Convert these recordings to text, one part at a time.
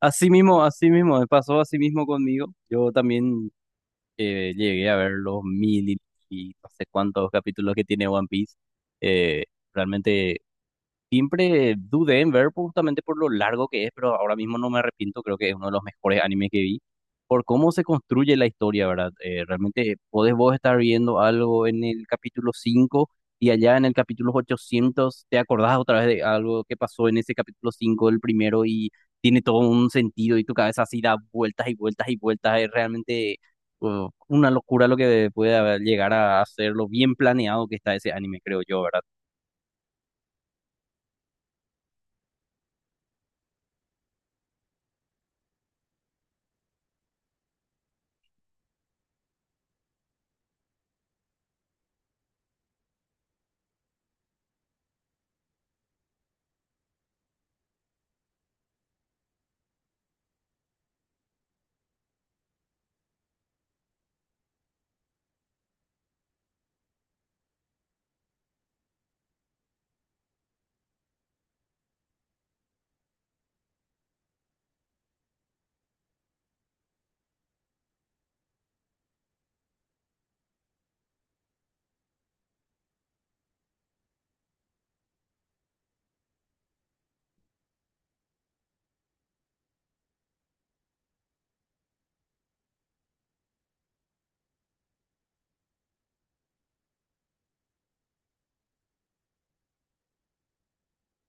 Así mismo, me pasó así mismo conmigo. Yo también llegué a ver los mil y no sé cuántos capítulos que tiene One Piece. Eh, realmente Siempre dudé en ver justamente por lo largo que es, pero ahora mismo no me arrepiento, creo que es uno de los mejores animes que vi, por cómo se construye la historia, ¿verdad? Realmente podés vos estar viendo algo en el capítulo 5 y allá en el capítulo 800 te acordás otra vez de algo que pasó en ese capítulo 5 el primero, y tiene todo un sentido y tu cabeza así da vueltas y vueltas y vueltas, es realmente una locura lo que llegar a hacer, lo bien planeado que está ese anime, creo yo, ¿verdad?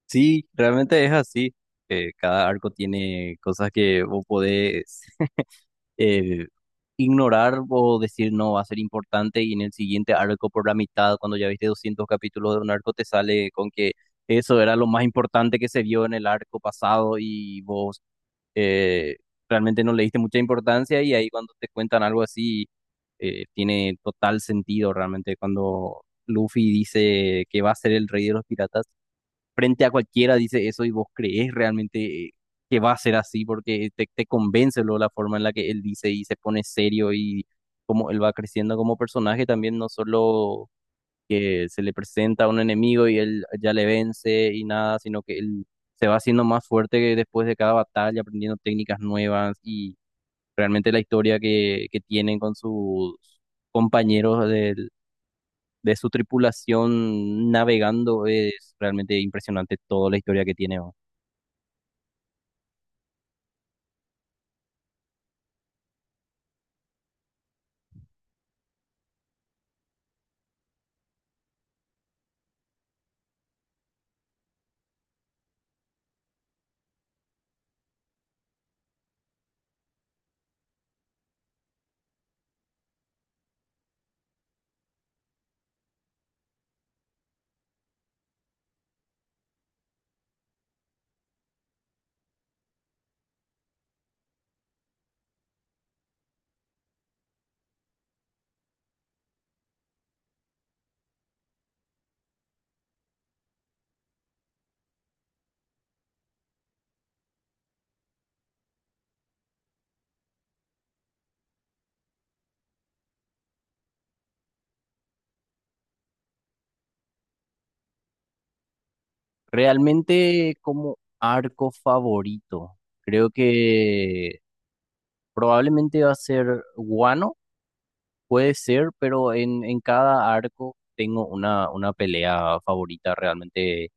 Sí, realmente es así. Cada arco tiene cosas que vos podés eh, ignorar o decir no va a ser importante, y en el siguiente arco por la mitad, cuando ya viste 200 capítulos de un arco, te sale con que eso era lo más importante que se vio en el arco pasado, y vos eh, realmente no le diste mucha importancia, y ahí cuando te cuentan algo así, tiene total sentido. Realmente, cuando Luffy dice que va a ser el rey de los piratas frente a cualquiera, dice eso y vos crees realmente que va a ser así, porque te convence luego la forma en la que él dice y se pone serio, y cómo él va creciendo como personaje también. No solo que se le presenta a un enemigo y él ya le vence y nada, sino que él se va haciendo más fuerte después de cada batalla, aprendiendo técnicas nuevas. Y realmente la historia que tienen con sus compañeros del de su tripulación navegando, es realmente impresionante toda la historia que tiene, ¿no? Realmente, como arco favorito, creo que probablemente va a ser Guano, puede ser, pero en cada arco tengo una, pelea favorita realmente.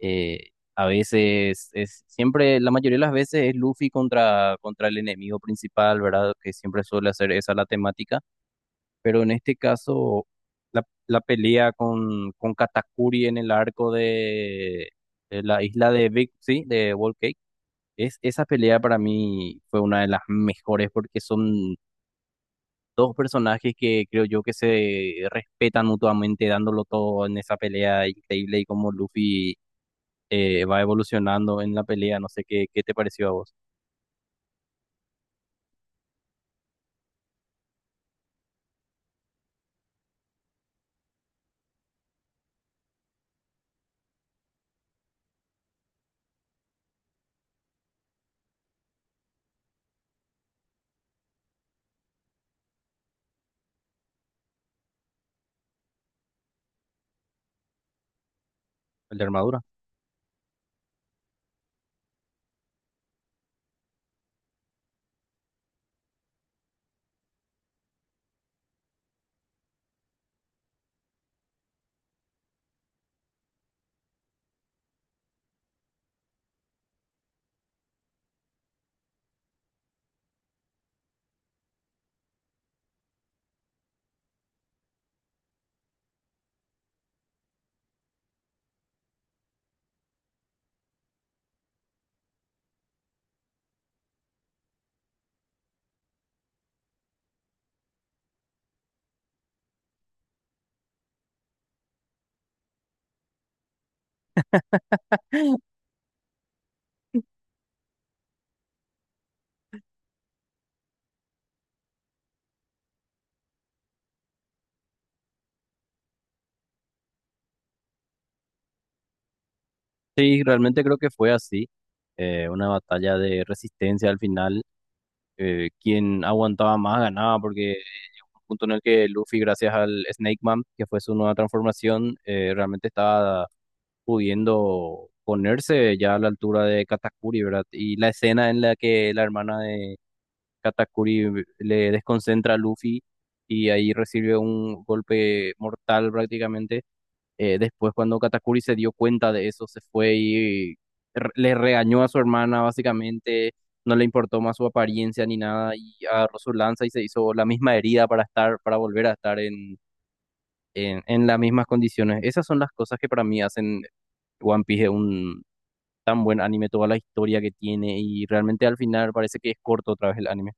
eh, a veces es siempre, la mayoría de las veces es Luffy contra, el enemigo principal, ¿verdad? Que siempre suele hacer esa la temática, pero en este caso la pelea con, Katakuri en el arco de la isla de Big, sí, de Whole Cake, esa pelea para mí fue una de las mejores, porque son dos personajes que creo yo que se respetan mutuamente, dándolo todo en esa pelea increíble, y como Luffy va evolucionando en la pelea. No sé qué, te pareció a vos. El de armadura. Sí, realmente creo que fue así, una batalla de resistencia al final. Quien aguantaba más ganaba, porque llegó un punto en el que Luffy, gracias al Snake Man, que fue su nueva transformación, realmente estaba pudiendo ponerse ya a la altura de Katakuri, ¿verdad? Y la escena en la que la hermana de Katakuri le desconcentra a Luffy, y ahí recibe un golpe mortal prácticamente. Después, cuando Katakuri se dio cuenta de eso, se fue y le regañó a su hermana, básicamente. No le importó más su apariencia ni nada, y agarró su lanza y se hizo la misma herida para estar, para volver a estar en las mismas condiciones. Esas son las cosas que para mí hacen One Piece un tan buen anime, toda la historia que tiene, y realmente al final parece que es corto otra vez el anime.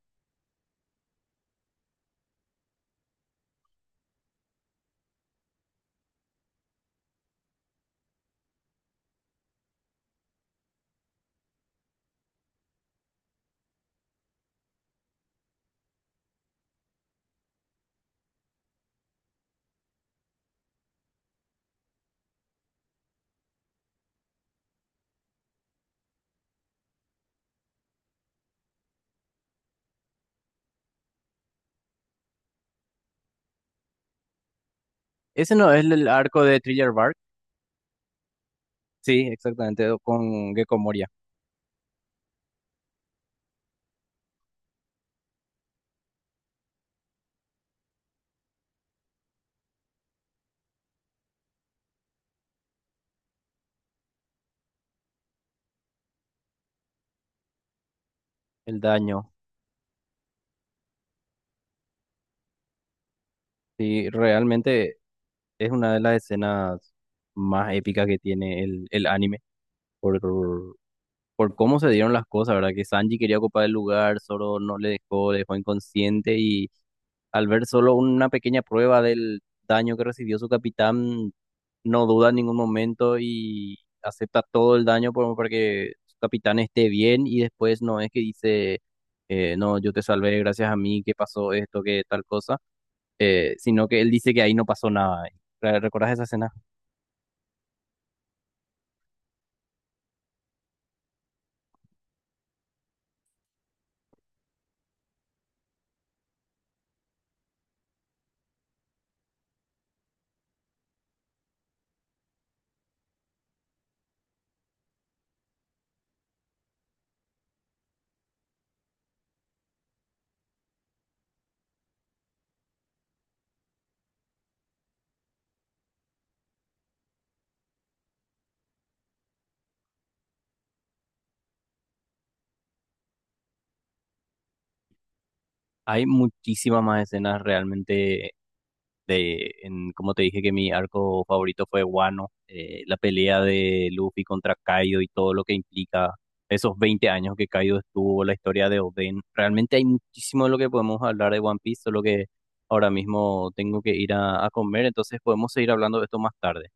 Ese no es el arco de Thriller Bark. Sí, exactamente, con Gecko Moria, el daño. Sí, realmente es una de las escenas más épicas que tiene el anime por, cómo se dieron las cosas, ¿verdad? Que Sanji quería ocupar el lugar, Zoro no le dejó, le dejó inconsciente, y al ver solo una pequeña prueba del daño que recibió su capitán, no duda en ningún momento y acepta todo el daño para que su capitán esté bien. Y después no es que dice, no, yo te salvé gracias a mí, que pasó esto, que tal cosa, sino que él dice que ahí no pasó nada. ¿Recordás esa escena? Hay muchísimas más escenas realmente de, en, como te dije que mi arco favorito fue Wano, la pelea de Luffy contra Kaido y todo lo que implica esos 20 años que Kaido estuvo, la historia de Oden. Realmente hay muchísimo de lo que podemos hablar de One Piece, solo que ahora mismo tengo que ir a comer, entonces podemos seguir hablando de esto más tarde.